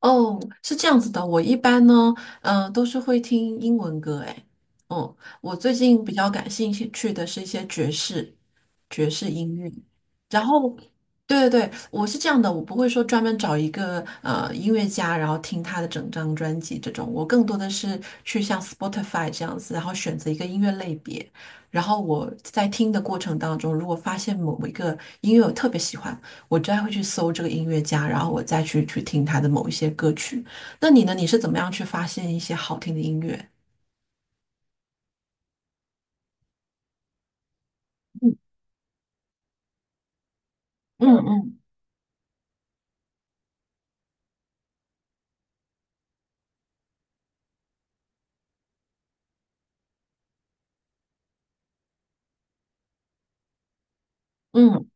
哦，是这样子的，我一般呢，都是会听英文歌，诶，我最近比较感兴趣的是一些爵士，爵士音乐。然后，对对对，我是这样的，我不会说专门找一个音乐家，然后听他的整张专辑这种，我更多的是去像 Spotify 这样子，然后选择一个音乐类别，然后我在听的过程当中，如果发现某一个音乐我特别喜欢，我就会去搜这个音乐家，然后我再去听他的某一些歌曲。那你呢？你是怎么样去发现一些好听的音乐？嗯嗯嗯嗯。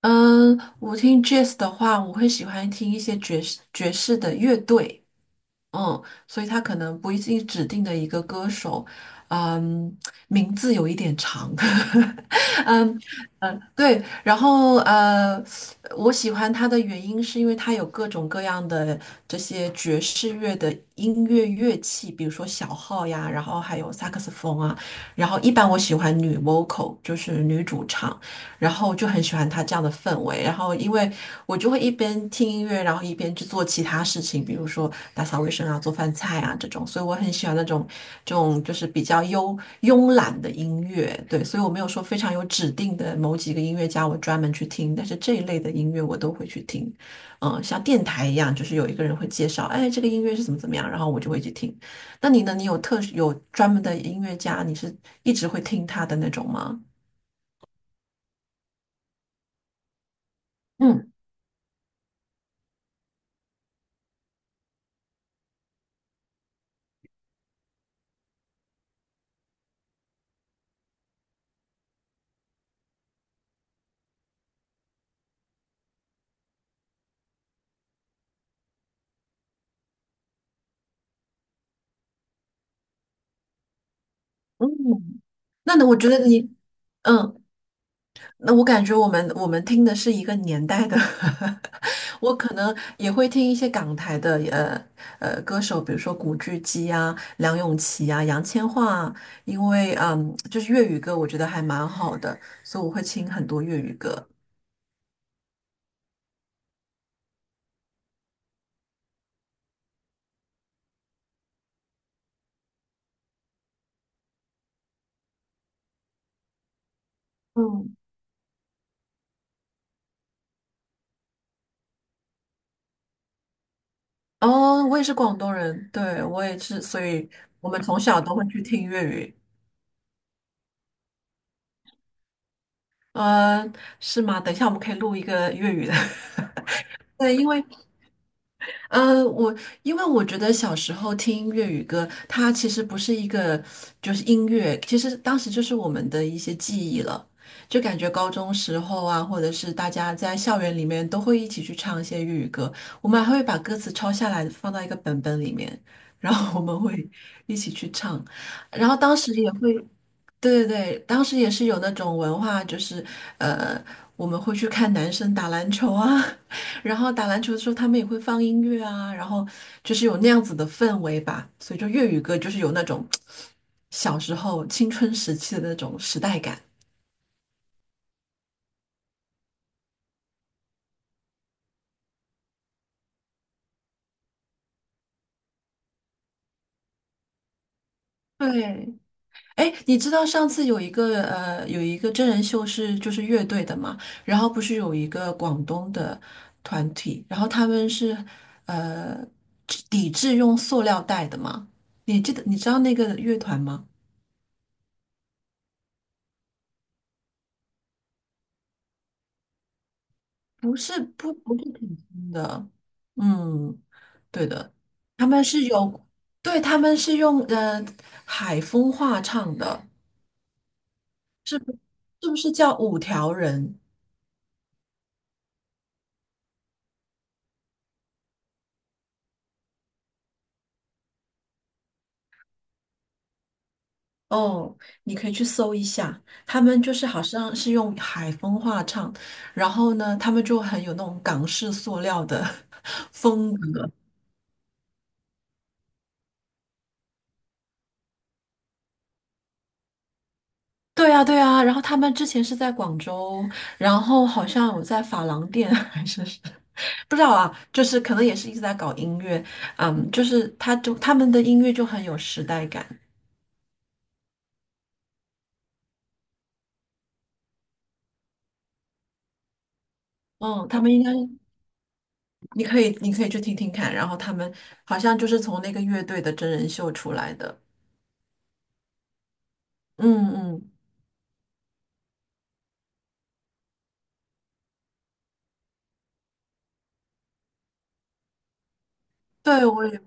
嗯，我听 jazz 的话，我会喜欢听一些爵士的乐队，嗯，所以他可能不一定指定的一个歌手，嗯，名字有一点长，对，然后我喜欢他的原因是因为他有各种各样的这些爵士乐的音乐乐器，比如说小号呀，然后还有萨克斯风啊，然后一般我喜欢女 vocal，就是女主唱。然后我就很喜欢他这样的氛围。然后因为我就会一边听音乐，然后一边去做其他事情，比如说打扫卫生啊、做饭菜啊这种。所以我很喜欢那种这种就是比较慵慵懒的音乐。对，所以我没有说非常有指定的某几个音乐家我专门去听，但是这一类的音乐我都会去听。嗯，像电台一样，就是有一个人会介绍，哎，这个音乐是怎么怎么样，然后我就会去听。那你呢？你有特有专门的音乐家，你是一直会听他的那种吗？嗯。嗯，那我觉得你，嗯，那我感觉我们听的是一个年代的，我可能也会听一些港台的歌手，比如说古巨基啊、梁咏琪啊、杨千嬅啊，因为就是粤语歌，我觉得还蛮好的，所以我会听很多粤语歌。嗯，哦，我也是广东人，对，我也是，所以我们从小都会去听粤语。嗯，是吗？等一下我们可以录一个粤语的。对，因为我因为我觉得小时候听粤语歌，它其实不是一个就是音乐，其实当时就是我们的一些记忆了。就感觉高中时候啊，或者是大家在校园里面都会一起去唱一些粤语歌，我们还会把歌词抄下来放到一个本本里面，然后我们会一起去唱，然后当时也会，对对对，当时也是有那种文化，就是呃，我们会去看男生打篮球啊。然后打篮球的时候，他们也会放音乐啊，然后就是有那样子的氛围吧，所以就粤语歌就是有那种小时候青春时期的那种时代感。对，哎，你知道上次有一个有一个真人秀是就是乐队的嘛，然后不是有一个广东的团体，然后他们是呃抵制用塑料袋的嘛？你记得你知道那个乐团吗？不是挺新的，嗯。对的，他们是有，对，他们是用海风话唱的，是不是叫五条人？哦，你可以去搜一下，他们就是好像是用海风话唱，然后呢，他们就很有那种港式塑料的 风格。对啊，对啊，然后他们之前是在广州，然后好像有在发廊店 还是是不知道啊，就是可能也是一直在搞音乐，嗯，就是他们的音乐就很有时代感。嗯，他们应该，你可以，你可以去听听看。然后他们好像就是从那个乐队的真人秀出来的。嗯嗯，对，我也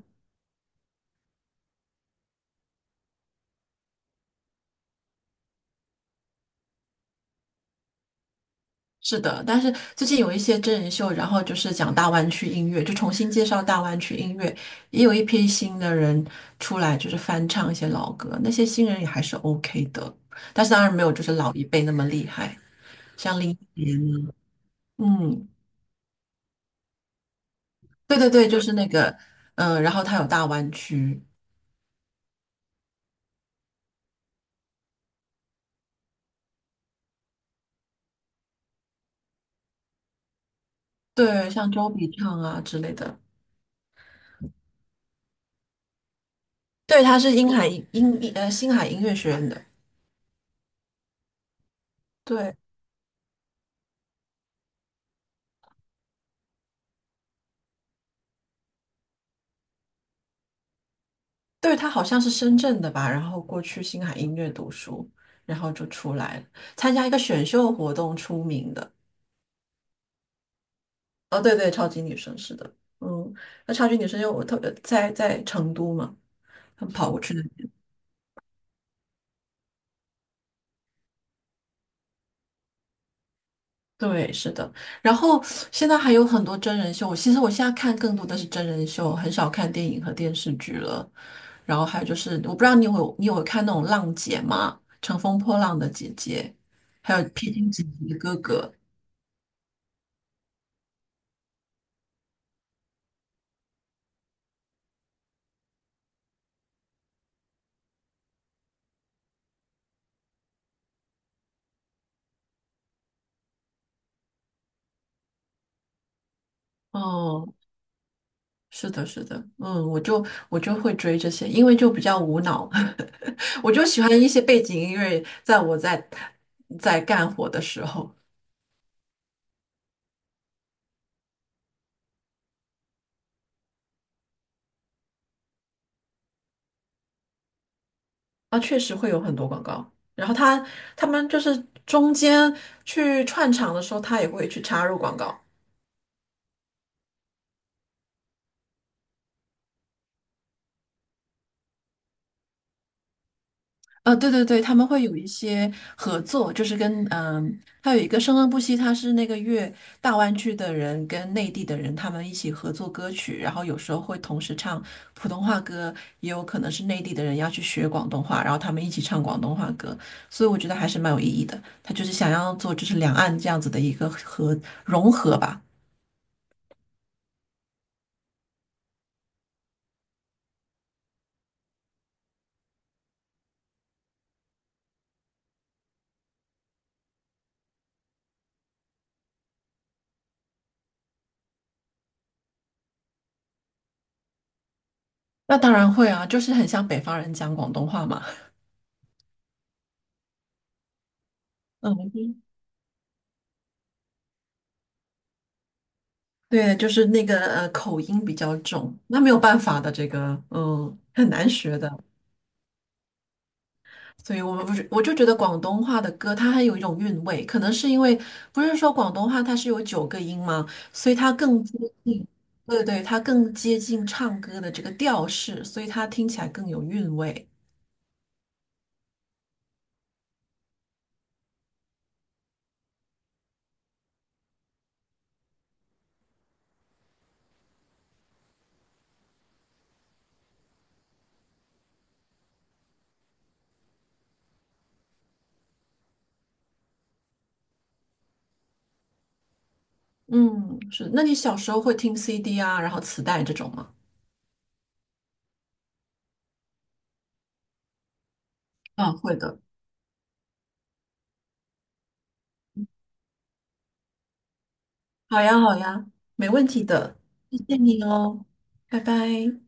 是的。但是最近有一些真人秀，然后就是讲大湾区音乐，就重新介绍大湾区音乐，也有一批新的人出来，就是翻唱一些老歌。那些新人也还是 OK 的，但是当然没有就是老一辈那么厉害。像林，嗯，对对对，就是那个，然后他有大湾区，对，像周笔畅啊之类的。对，他是英海音星海音乐学院的，对对，他好像是深圳的吧，然后过去星海音乐读书，然后就出来了，参加一个选秀活动出名的。哦，对对，超级女生是的，嗯，那超级女生因为我特在在成都嘛，他们跑过去的。对，是的。然后现在还有很多真人秀，其实我现在看更多的是真人秀，很少看电影和电视剧了。然后还有就是，我不知道你有你有看那种浪姐吗？乘风破浪的姐姐，还有披荆斩棘的哥哥。哦，是的，是的，嗯，我就会追这些，因为就比较无脑，我就喜欢一些背景音乐，在我在干活的时候。啊，确实会有很多广告。然后他们就是中间去串场的时候，他也会去插入广告。啊，对对对，他们会有一些合作，就是跟嗯，还有一个《生生不息》，他是那个粤大湾区的人跟内地的人他们一起合作歌曲，然后有时候会同时唱普通话歌，也有可能是内地的人要去学广东话，然后他们一起唱广东话歌，所以我觉得还是蛮有意义的。他就是想要做就是两岸这样子的一个合融合吧。那当然会啊，就是很像北方人讲广东话嘛。嗯，嗯 对，就是那个口音比较重，那没有办法的，这个嗯很难学的。所以我们不是，我就觉得广东话的歌它还有一种韵味，可能是因为不是说广东话它是有九个音吗？所以它更接近，对对，它更接近唱歌的这个调式，所以它听起来更有韵味。嗯，是。那你小时候会听 CD 啊，然后磁带这种吗？嗯，会的。好呀，好呀，没问题的，谢谢你哦，拜拜。